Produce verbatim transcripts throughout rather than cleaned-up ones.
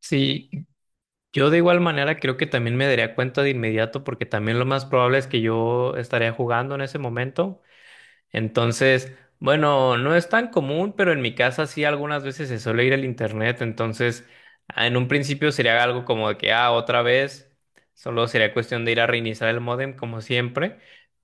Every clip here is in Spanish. Sí, yo de igual manera creo que también me daría cuenta de inmediato porque también lo más probable es que yo estaría jugando en ese momento. Entonces, bueno, no es tan común, pero en mi casa sí algunas veces se suele ir al internet. Entonces, ah, en un principio sería algo como de que, ah, otra vez, solo sería cuestión de ir a reiniciar el módem como siempre,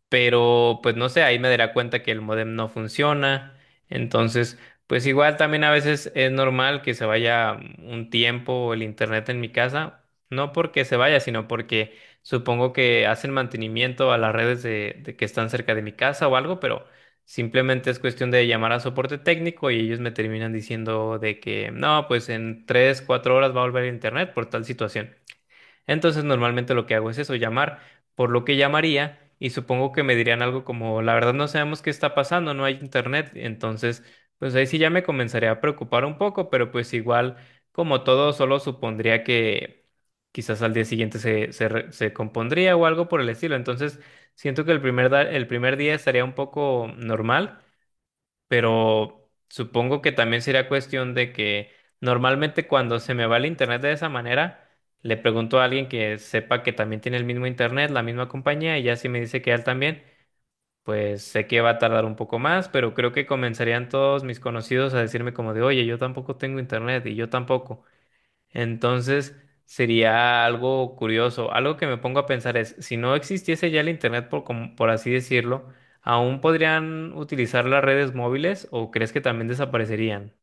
pero pues no sé, ahí me dará cuenta que el modem no funciona. Entonces, pues igual también a veces es normal que se vaya un tiempo el internet en mi casa, no porque se vaya, sino porque supongo que hacen mantenimiento a las redes de, de que están cerca de mi casa o algo, pero simplemente es cuestión de llamar a soporte técnico y ellos me terminan diciendo de que no, pues en tres, cuatro horas va a volver el internet por tal situación. Entonces, normalmente lo que hago es eso, llamar, por lo que llamaría y supongo que me dirían algo como, la verdad no sabemos qué está pasando, no hay internet. Entonces, pues ahí sí ya me comenzaría a preocupar un poco, pero pues igual, como todo, solo supondría que quizás al día siguiente se, se, re- se compondría o algo por el estilo. Entonces, siento que el primer, da- el primer día estaría un poco normal, pero supongo que también sería cuestión de que normalmente cuando se me va el internet de esa manera, le pregunto a alguien que sepa que también tiene el mismo internet, la misma compañía, y ya si me dice que él también, pues sé que va a tardar un poco más, pero creo que comenzarían todos mis conocidos a decirme como de, oye, yo tampoco tengo internet y yo tampoco. Entonces sería algo curioso. Algo que me pongo a pensar es, si no existiese ya el Internet, por, como- por así decirlo, ¿aún podrían utilizar las redes móviles o crees que también desaparecerían?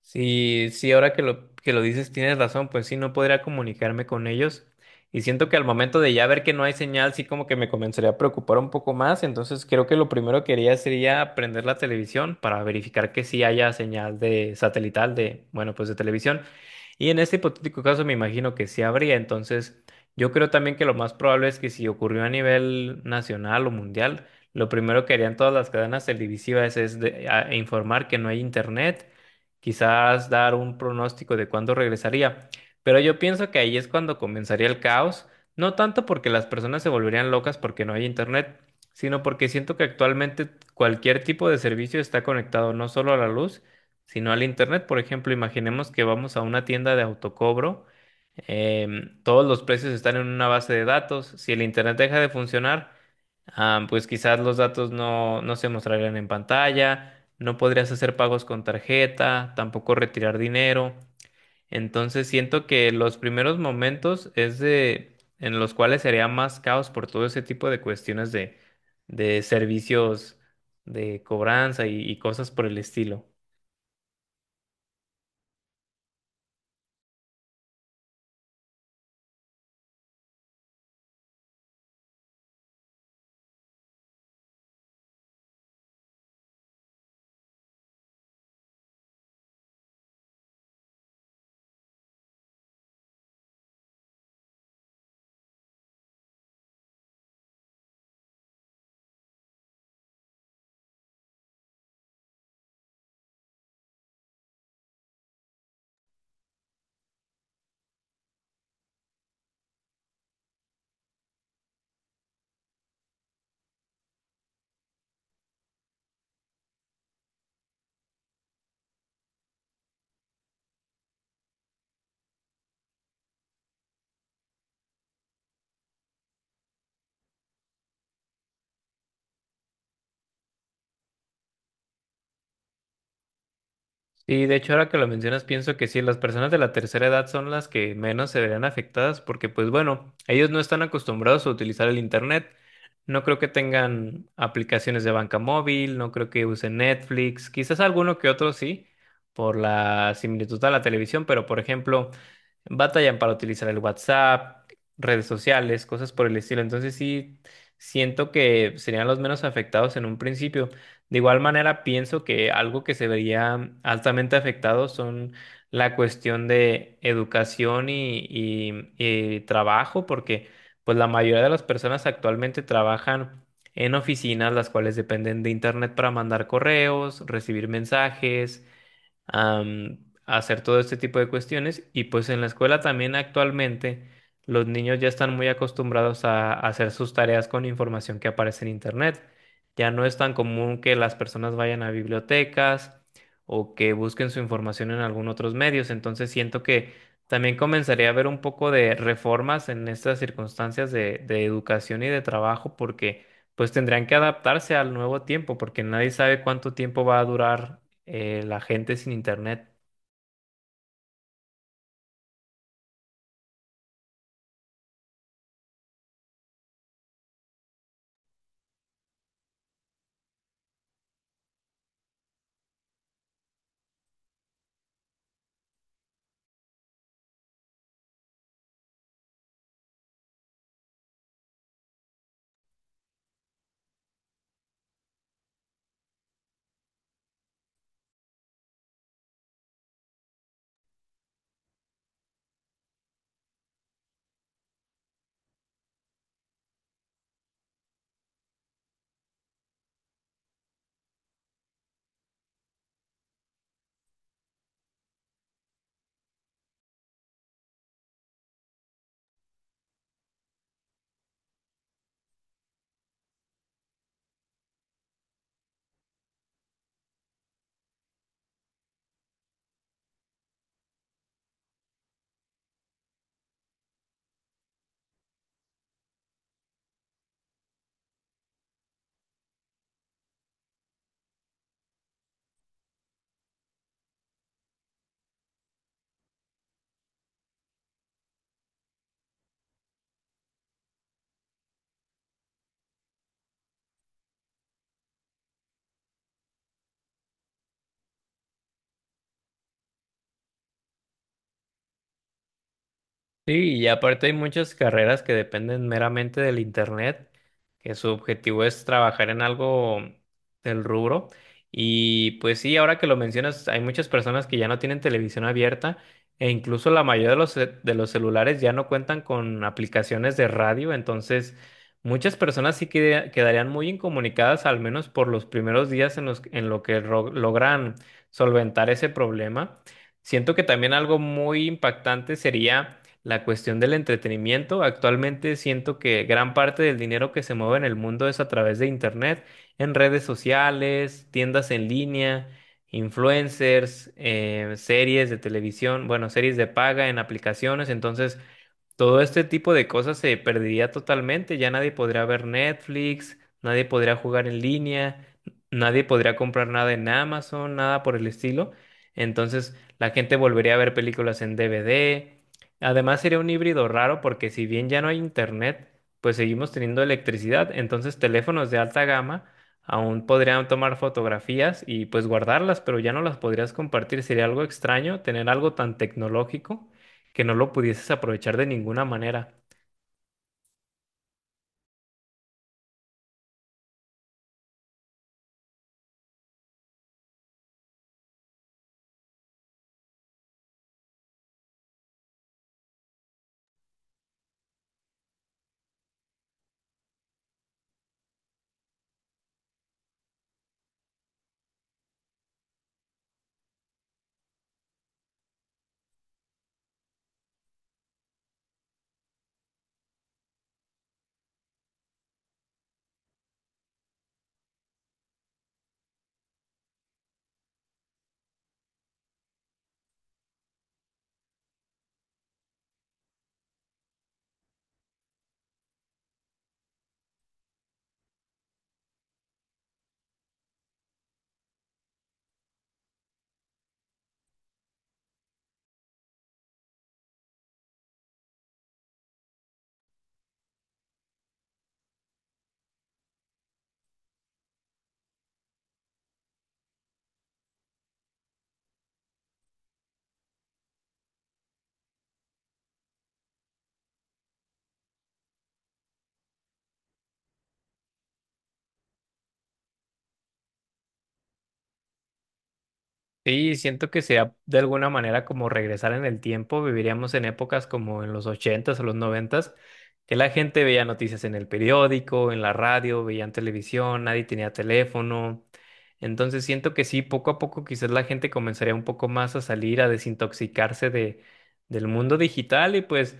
Sí, sí, ahora que lo, que lo dices tienes razón, pues sí, no podría comunicarme con ellos. Y siento que al momento de ya ver que no hay señal, sí como que me comenzaría a preocupar un poco más. Entonces creo que lo primero que haría sería prender la televisión para verificar que sí haya señal de satelital, de, bueno, pues de televisión. Y en este hipotético caso me imagino que sí habría. Entonces yo creo también que lo más probable es que si ocurrió a nivel nacional o mundial, lo primero que harían todas las cadenas televisivas es de- a- informar que no hay internet, quizás dar un pronóstico de cuándo regresaría. Pero yo pienso que ahí es cuando comenzaría el caos, no tanto porque las personas se volverían locas porque no hay internet, sino porque siento que actualmente cualquier tipo de servicio está conectado no solo a la luz, sino al internet. Por ejemplo, imaginemos que vamos a una tienda de autocobro. Em, todos los precios están en una base de datos. Si el internet deja de funcionar, Ah, pues quizás los datos no, no se mostrarían en pantalla, no podrías hacer pagos con tarjeta, tampoco retirar dinero. Entonces siento que los primeros momentos es de en los cuales sería más caos por todo ese tipo de cuestiones de, de servicios de cobranza y y cosas por el estilo. Y de hecho, ahora que lo mencionas, pienso que sí, las personas de la tercera edad son las que menos se verán afectadas porque, pues bueno, ellos no están acostumbrados a utilizar el Internet. No creo que tengan aplicaciones de banca móvil, no creo que usen Netflix, quizás alguno que otro sí, por la similitud a la televisión, pero por ejemplo, batallan para utilizar el WhatsApp, redes sociales, cosas por el estilo. Entonces sí, siento que serían los menos afectados en un principio. De igual manera, pienso que algo que se vería altamente afectado son la cuestión de educación y, y- y trabajo, porque pues la mayoría de las personas actualmente trabajan en oficinas, las cuales dependen de internet para mandar correos, recibir mensajes, am, hacer todo este tipo de cuestiones. Y pues en la escuela también actualmente los niños ya están muy acostumbrados a, a hacer sus tareas con información que aparece en Internet. Ya no es tan común que las personas vayan a bibliotecas o que busquen su información en algún otros medios. Entonces siento que también comenzaría a haber un poco de reformas en estas circunstancias de, de educación y de trabajo, porque pues tendrían que adaptarse al nuevo tiempo porque nadie sabe cuánto tiempo va a durar eh, la gente sin internet. Sí, y aparte hay muchas carreras que dependen meramente del internet, que su objetivo es trabajar en algo del rubro. Y pues sí, ahora que lo mencionas, hay muchas personas que ya no tienen televisión abierta e incluso la mayoría de los, ce- de los celulares ya no cuentan con aplicaciones de radio, entonces muchas personas sí que quedarían muy incomunicadas, al menos por los primeros días en los, en lo que ro- logran solventar ese problema. Siento que también algo muy impactante sería la cuestión del entretenimiento. Actualmente siento que gran parte del dinero que se mueve en el mundo es a través de internet, en redes sociales, tiendas en línea, influencers, eh, series de televisión, bueno, series de paga en aplicaciones. Entonces, todo este tipo de cosas se perdería totalmente, ya nadie podría ver Netflix, nadie podría jugar en línea, nadie podría comprar nada en Amazon, nada por el estilo. Entonces la gente volvería a ver películas en D V D. Además sería un híbrido raro porque si bien ya no hay internet, pues seguimos teniendo electricidad. Entonces teléfonos de alta gama aún podrían tomar fotografías y pues guardarlas, pero ya no las podrías compartir. Sería algo extraño tener algo tan tecnológico que no lo pudieses aprovechar de ninguna manera. Sí, siento que sea de alguna manera como regresar en el tiempo. Viviríamos en épocas como en los ochentas o los noventas, que la gente veía noticias en el periódico, en la radio, veían televisión, nadie tenía teléfono. Entonces siento que sí, poco a poco quizás la gente comenzaría un poco más a salir, a desintoxicarse de, del mundo digital y pues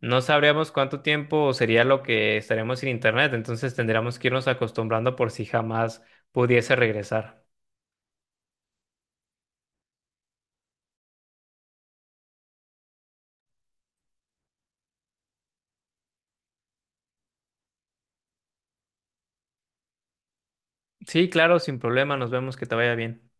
no sabríamos cuánto tiempo sería lo que estaríamos sin internet. Entonces tendríamos que irnos acostumbrando por si jamás pudiese regresar. Sí, claro, sin problema, nos vemos, que te vaya bien.